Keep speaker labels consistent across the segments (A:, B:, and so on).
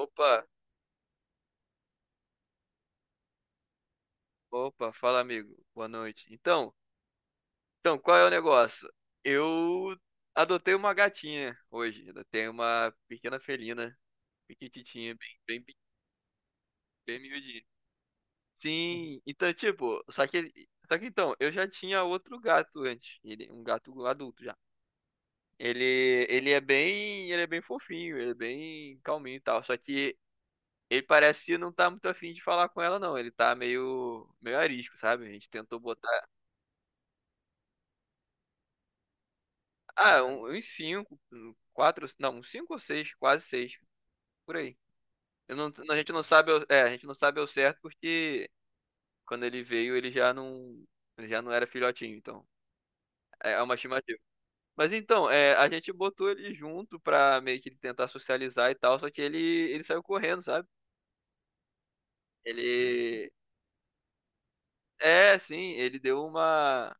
A: Opa, opa, fala amigo, boa noite. Então, qual é o negócio? Eu adotei uma gatinha hoje, adotei uma pequena felina, pequititinha, bem, bem, bem, bem miudinha. Sim, então, tipo, só que então, eu já tinha outro gato antes, ele, um gato adulto já. Ele é bem fofinho, ele é bem calminho e tal, só que ele parece que não tá muito afim de falar com ela não, ele tá meio arisco, sabe? A gente tentou botar. Ah, uns cinco, um, quatro, não, uns cinco ou seis, quase seis, por aí. Eu não, a gente não sabe, a gente não sabe ao certo porque quando ele veio ele já não era filhotinho, então é uma estimativa. Mas então, a gente botou ele junto pra meio que tentar socializar e tal, só que ele saiu correndo, sabe? Ele, sim, ele deu uma,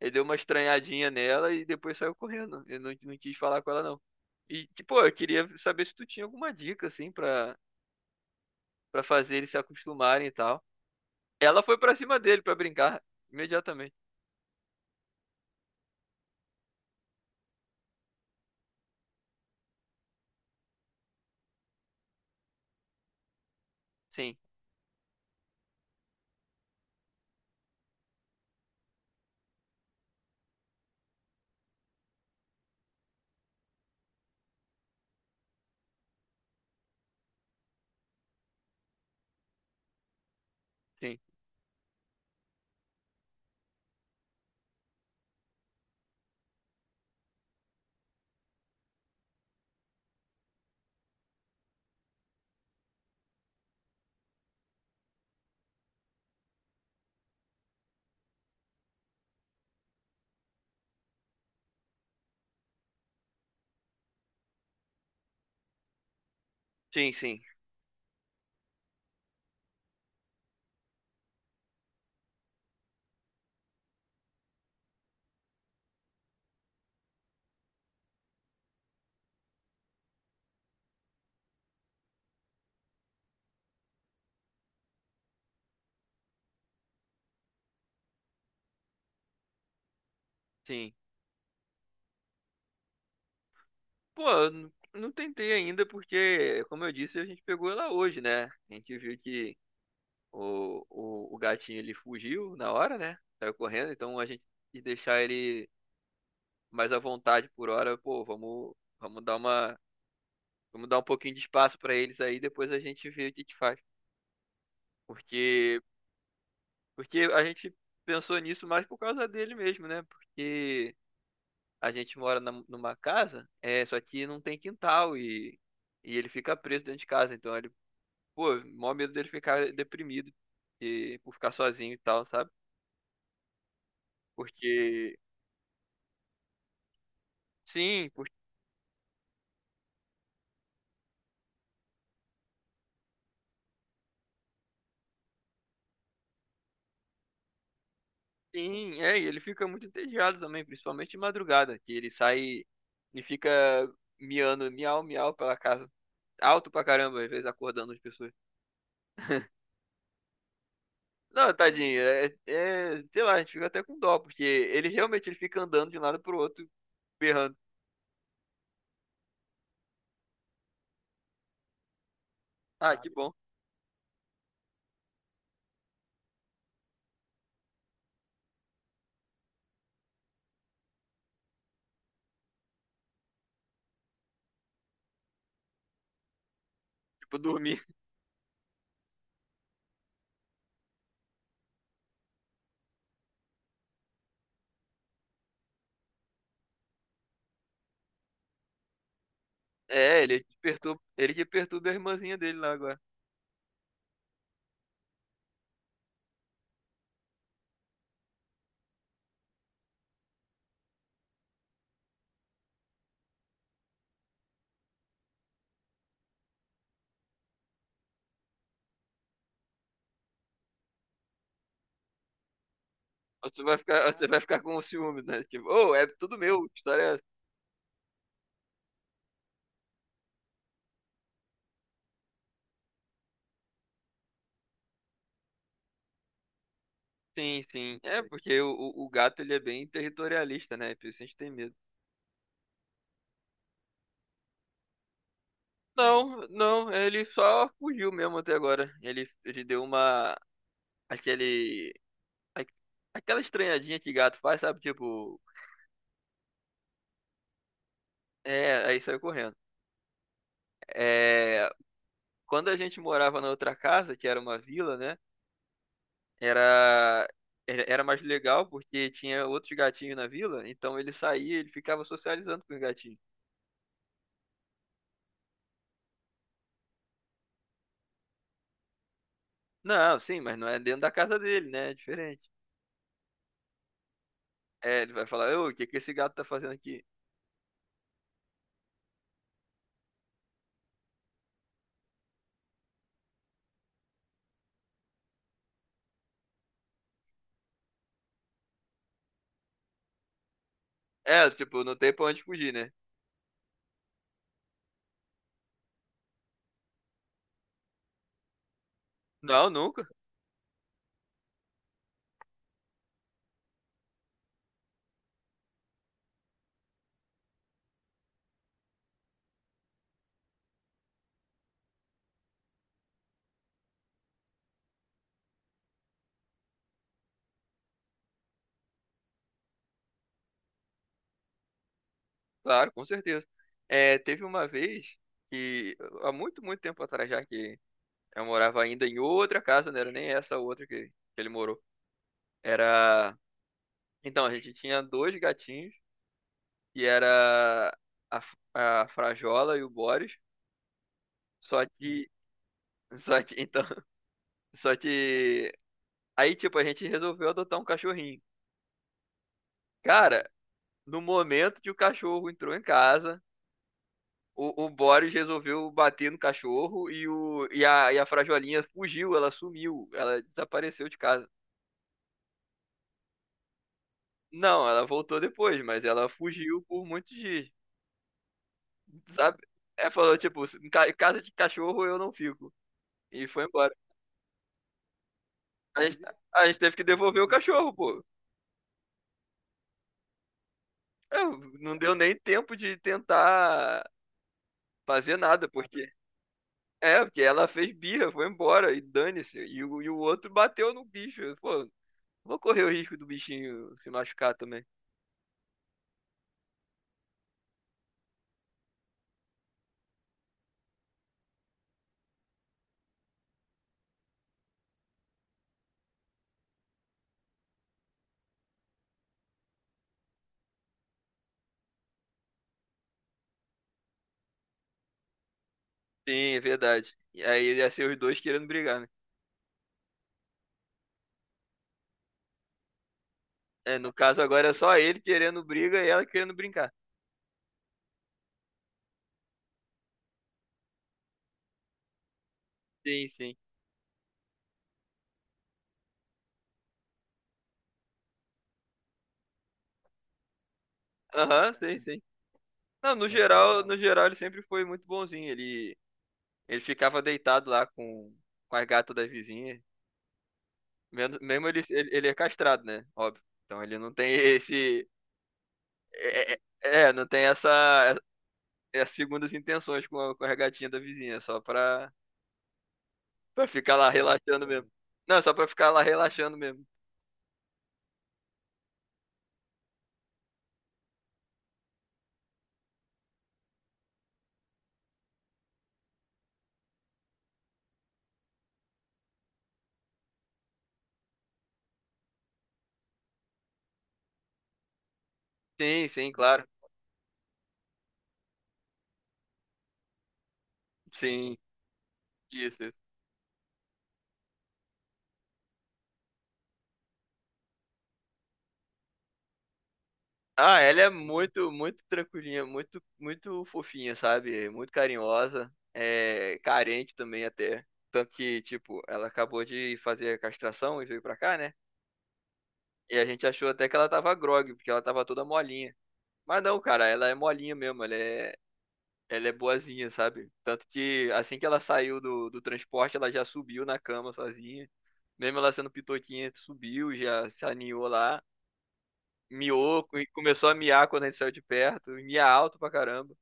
A: ele deu uma estranhadinha nela e depois saiu correndo. Ele não, não quis falar com ela não. E, tipo, eu queria saber se tu tinha alguma dica assim pra fazer eles se acostumarem e tal. Ela foi pra cima dele pra brincar imediatamente. Sim, sim, sim, sim, sim. Pô, eu não tentei ainda porque, como eu disse, a gente pegou ela hoje, né? A gente viu que o gatinho ele fugiu na hora, né? Saiu correndo, então a gente quis deixar ele mais à vontade por hora. Pô, vamos dar uma, vamos dar um pouquinho de espaço pra eles aí, depois a gente vê o que que faz. Porque, porque a gente pensou nisso mais por causa dele mesmo, né? Porque a gente mora numa casa, só que não tem quintal e ele fica preso dentro de casa. Então ele, pô, maior medo dele ficar deprimido e por ficar sozinho e tal, sabe? Porque, sim, sim, e ele fica muito entediado também, principalmente de madrugada, que ele sai e fica miando, miau, miau pela casa. Alto pra caramba, às vezes acordando as pessoas. Não, tadinho, sei lá, a gente fica até com dó, porque ele realmente ele fica andando de um lado pro outro, berrando. Ah, que bom. Tipo, dormir. É, ele que perturba a irmãzinha dele lá agora. Você vai ficar com o ciúme, né? Tipo, ô, é tudo meu, que história é essa? Sim, sim. É, porque o gato, ele é bem territorialista, né? Por isso a gente tem medo. Não, não, ele só fugiu mesmo até agora. Ele deu uma, aquele, a- aquela estranhadinha que gato faz, sabe? Tipo, aí saiu correndo. É, quando a gente morava na outra casa, que era uma vila, né? Era era mais legal porque tinha outros gatinhos na vila, então ele saía, ele ficava socializando com os gatinhos. Não, sim, mas não é dentro da casa dele, né? É diferente. É, ele vai falar, ô, o que que esse gato tá fazendo aqui? É, tipo, não tem pra onde fugir, né? Não, nunca. Claro, com certeza. É, teve uma vez que, há muito, muito tempo atrás já, que eu morava ainda em outra casa, não era nem essa outra que ele morou. Era. Então, a gente tinha dois gatinhos que era a, a Frajola e o Boris. Só que. Só que, então. Só que. Aí, tipo, a gente resolveu adotar um cachorrinho. Cara, no momento que o cachorro entrou em casa, o Boris resolveu bater no cachorro e a Frajolinha fugiu, ela sumiu, ela desapareceu de casa. Não, ela voltou depois, mas ela fugiu por muitos dias, sabe? É, falou, tipo, em em casa de cachorro eu não fico. E foi embora. A gente, a gente teve que devolver o cachorro, pô. É, não deu nem tempo de tentar fazer nada, porque. É, porque ela fez birra, foi embora e dane-se. E o outro bateu no bicho. Pô, vou correr o risco do bichinho se machucar também. Sim, é verdade. E aí ia ser os dois querendo brigar, né? É, no caso agora é só ele querendo briga e ela querendo brincar. Sim, sim. Aham, sim, sim. Não, no geral ele sempre foi muito bonzinho. Ele ficava deitado lá com as gatas das vizinhas. Mesmo mesmo ele é castrado, né? Óbvio. Então ele não tem esse. Não tem essa. É, as segundas intenções com a gatinha da vizinha, só pra ficar lá relaxando mesmo. Não, só pra ficar lá relaxando mesmo. Sim, sim, claro. Sim, isso, isso. Ah, ela é muito, muito tranquilinha, muito, muito fofinha, sabe? Muito carinhosa, é carente também até. Tanto que, tipo, ela acabou de fazer a castração e veio pra cá, né? E a gente achou até que ela tava grogue, porque ela tava toda molinha. Mas não, cara, ela é molinha mesmo, ela é boazinha, sabe? Tanto que assim que ela saiu do transporte, ela já subiu na cama sozinha. Mesmo ela sendo pitoquinha, subiu, já se aninhou lá, miou e começou a miar quando a gente saiu de perto, e mia alto pra caramba.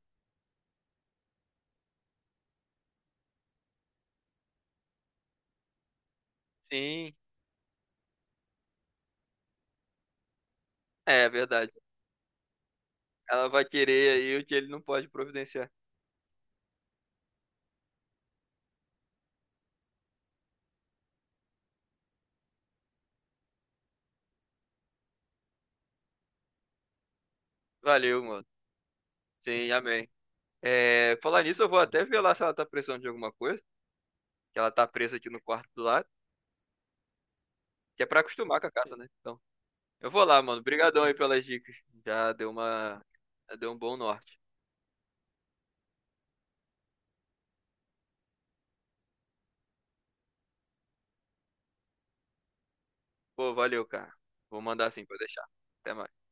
A: Sim, é verdade. Ela vai querer aí o que ele não pode providenciar. Valeu, mano. Sim, amém. É, falar nisso, eu vou até ver lá se ela tá precisando de alguma coisa, que ela tá presa aqui no quarto do lado. Que é pra acostumar com a casa, né? Então, eu vou lá, mano. Obrigadão aí pelas dicas. Já deu uma, já deu um bom norte. Pô, valeu, cara. Vou mandar assim pra deixar. Até mais.